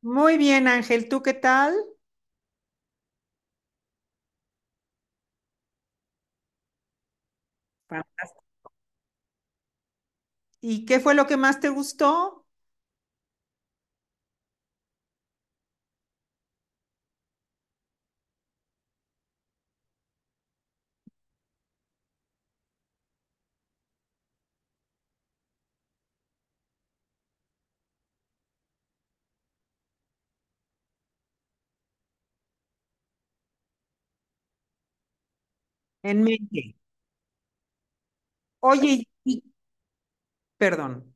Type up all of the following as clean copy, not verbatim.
Muy bien, Ángel, ¿tú qué tal? Fantástico. ¿Y qué fue lo que más te gustó? En mente. Oye, y- y- Perdón.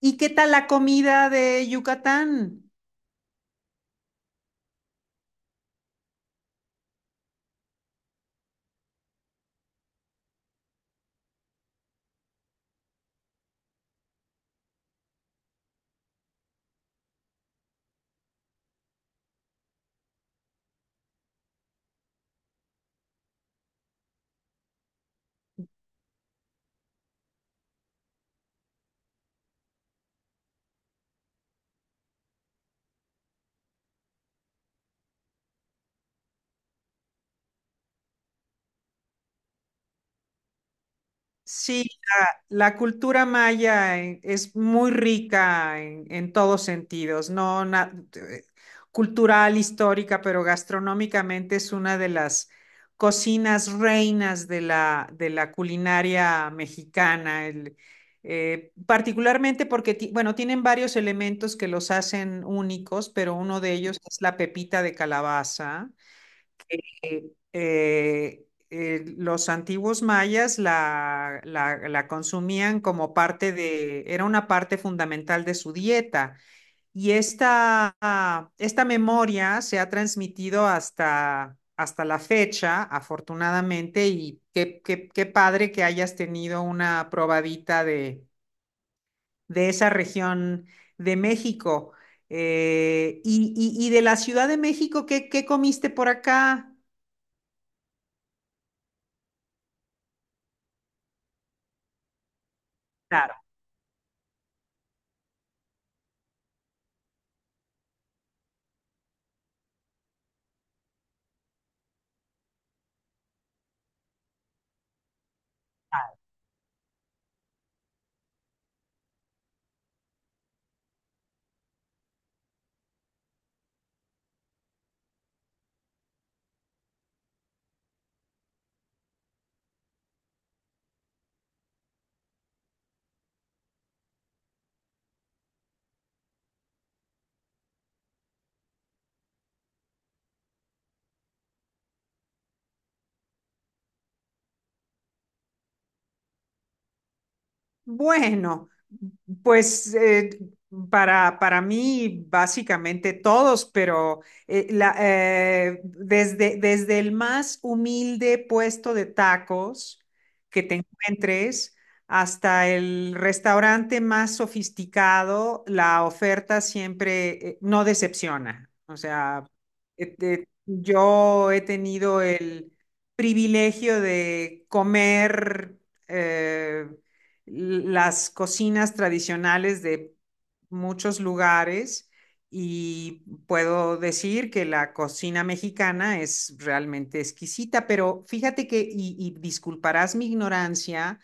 ¿Y qué tal la comida de Yucatán? Sí, la cultura maya es muy rica en todos sentidos, no na- cultural, histórica, pero gastronómicamente es una de las cocinas reinas de de la culinaria mexicana, particularmente porque, bueno, tienen varios elementos que los hacen únicos, pero uno de ellos es la pepita de calabaza. eh, los antiguos mayas la consumían como parte de, era una parte fundamental de su dieta. Y esta, ah, esta memoria se ha transmitido hasta la fecha, afortunadamente, y qué, qué padre que hayas tenido una probadita de esa región de México. Y de la Ciudad de México, ¿qué, qué comiste por acá? Claro. Bueno, pues eh, para mí básicamente todos, pero desde, desde el más humilde puesto de tacos que te encuentres hasta el restaurante más sofisticado, la oferta siempre no decepciona. O sea, yo he tenido el privilegio de comer. eh, las cocinas tradicionales de muchos lugares, y puedo decir que la cocina mexicana es realmente exquisita, pero fíjate que, y disculparás mi ignorancia,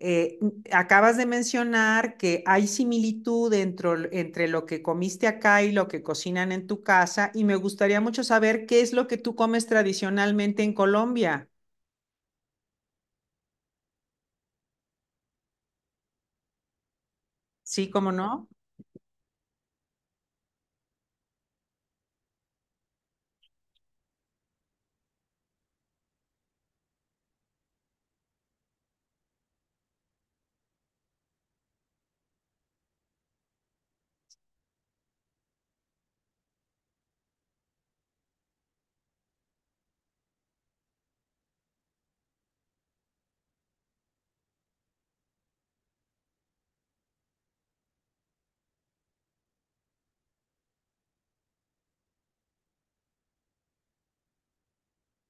eh, acabas de mencionar que hay similitud entre lo que comiste acá y lo que cocinan en tu casa, y me gustaría mucho saber qué es lo que tú comes tradicionalmente en Colombia. Sí, cómo no.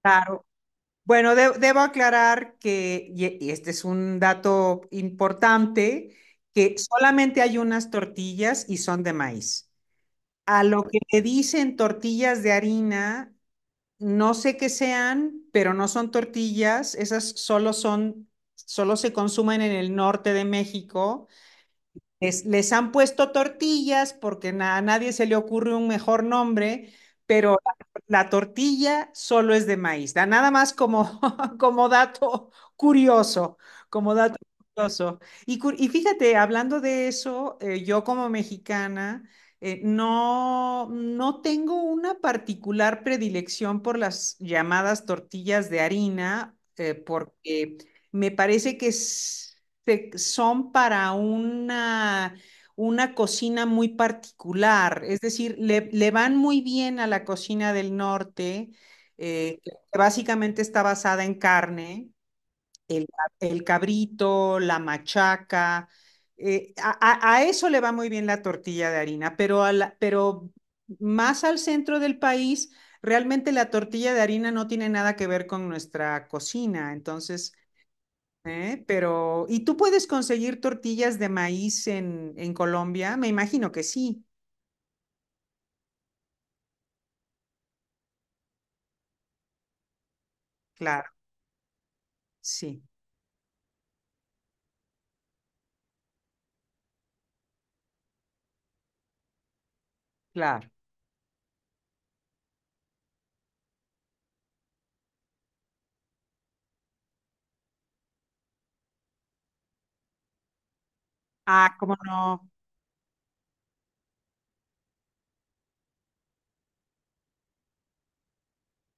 Claro. Bueno, debo aclarar que, y este es un dato importante, que solamente hay unas tortillas y son de maíz. A lo que le dicen tortillas de harina, no sé qué sean, pero no son tortillas, solo se consumen en el norte de México. Les han puesto tortillas porque a nadie se le ocurre un mejor nombre, pero la tortilla solo es de maíz. Nada más como, como dato curioso, como dato curioso. Y, y fíjate, hablando de eso, yo como mexicana no, no tengo una particular predilección por las llamadas tortillas de harina, porque me parece que es son para una cocina muy particular, es decir, le van muy bien a la cocina del norte, que básicamente está basada en carne, el, el cabrito, la machaca. eh, a, a eso le va muy bien la tortilla de harina, pero, pero más al centro del país, realmente la tortilla de harina no tiene nada que ver con nuestra cocina. Entonces, ¿eh? Pero, ¿y tú puedes conseguir tortillas de maíz en Colombia? Me imagino que sí, claro, sí, claro. Ah, ¿cómo no?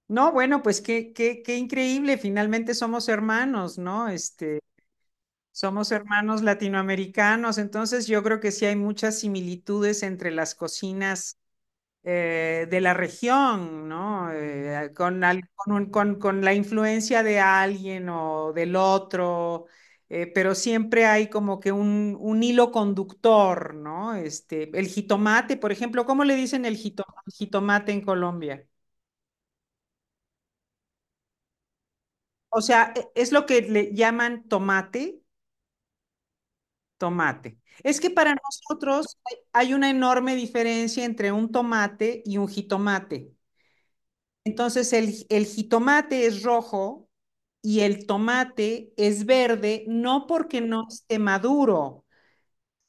No, bueno, pues qué, qué, qué increíble, finalmente somos hermanos, ¿no? Este, somos hermanos latinoamericanos, entonces yo creo que sí hay muchas similitudes entre las cocinas. De la región, ¿no? Con, al- con un- con- Con la influencia de alguien o del otro, pero siempre hay como que un hilo conductor, ¿no? Este, el jitomate, por ejemplo, ¿cómo le dicen el jitomate en Colombia? O sea, es lo que le llaman tomate, tomate. Es que para nosotros hay una enorme diferencia entre un tomate y un jitomate. Entonces el jitomate es rojo y el tomate es verde, no porque no esté maduro.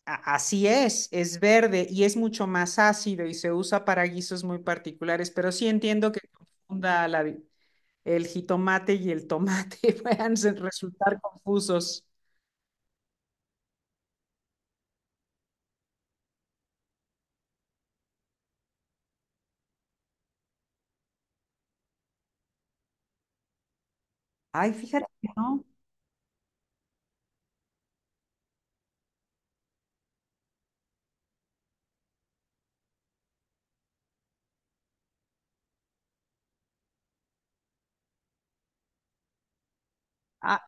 Así es verde y es mucho más ácido y se usa para guisos muy particulares, pero sí entiendo que confunda la el jitomate y el tomate resultar confusos. Ay, fíjate, que ¿no? Ah,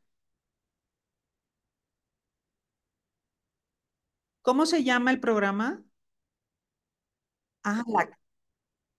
¿cómo se llama el programa? Ah, la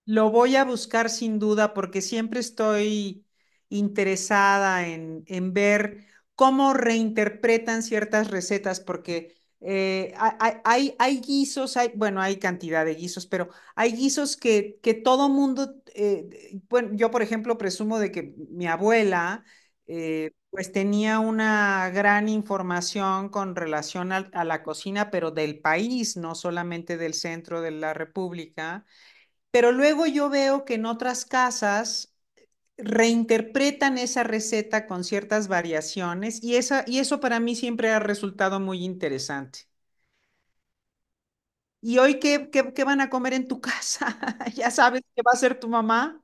Lo voy a buscar sin duda porque siempre estoy interesada en ver cómo reinterpretan ciertas recetas, porque eh, ha- hay, hay guisos, hay, bueno, hay cantidad de guisos, pero hay guisos que todo mundo, bueno, yo por ejemplo presumo de que mi abuela, pues tenía una gran información con relación a la cocina, pero del país, no solamente del centro de la República, pero luego yo veo que en otras casas reinterpretan esa receta con ciertas variaciones y, y eso para mí siempre ha resultado muy interesante. ¿Y hoy qué, qué, qué van a comer en tu casa? ¿Ya sabes qué va a hacer tu mamá?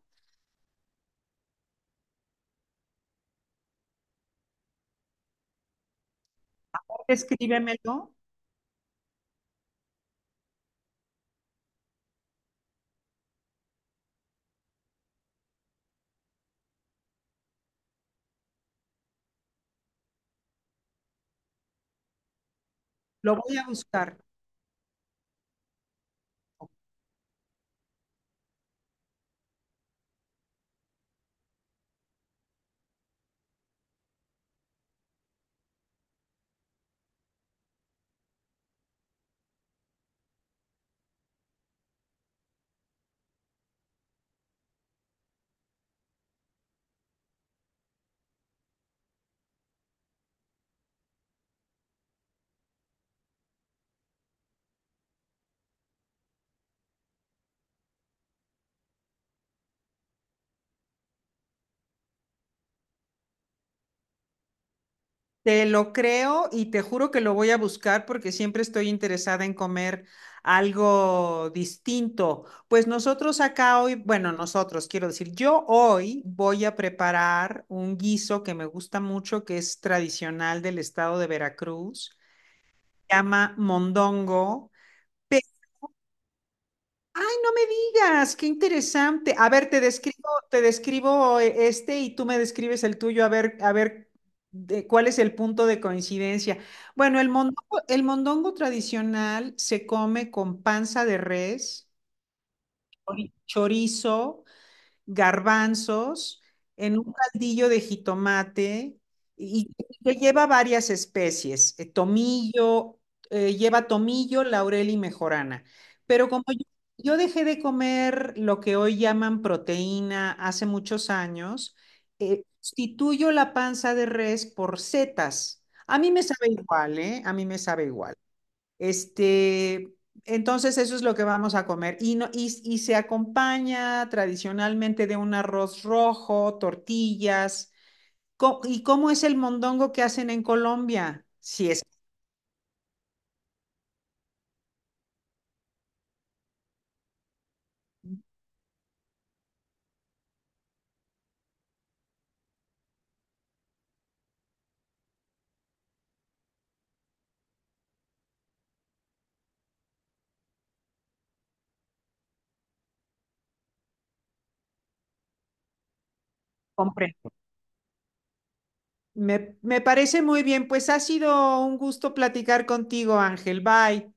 Escríbemelo, lo voy a buscar. Te lo creo y te juro que lo voy a buscar porque siempre estoy interesada en comer algo distinto. Pues nosotros acá hoy, bueno, nosotros quiero decir, yo hoy voy a preparar un guiso que me gusta mucho, que es tradicional del estado de Veracruz, se llama mondongo. No me digas, qué interesante. A ver, te describo este, y tú me describes el tuyo, a ver de cuál es el punto de coincidencia. Bueno, el mondongo tradicional se come con panza de res, chorizo, garbanzos en un caldillo de jitomate y que lleva varias especies, lleva tomillo, laurel y mejorana. Pero como yo dejé de comer lo que hoy llaman proteína hace muchos años, sustituyo la panza de res por setas. A mí me sabe igual, ¿eh? A mí me sabe igual. Este, entonces eso es lo que vamos a comer. Y, no, y se acompaña tradicionalmente de un arroz rojo, tortillas. ¿Y cómo es el mondongo que hacen en Colombia? Si es que compren. Me parece muy bien. Pues ha sido un gusto platicar contigo, Ángel. Bye.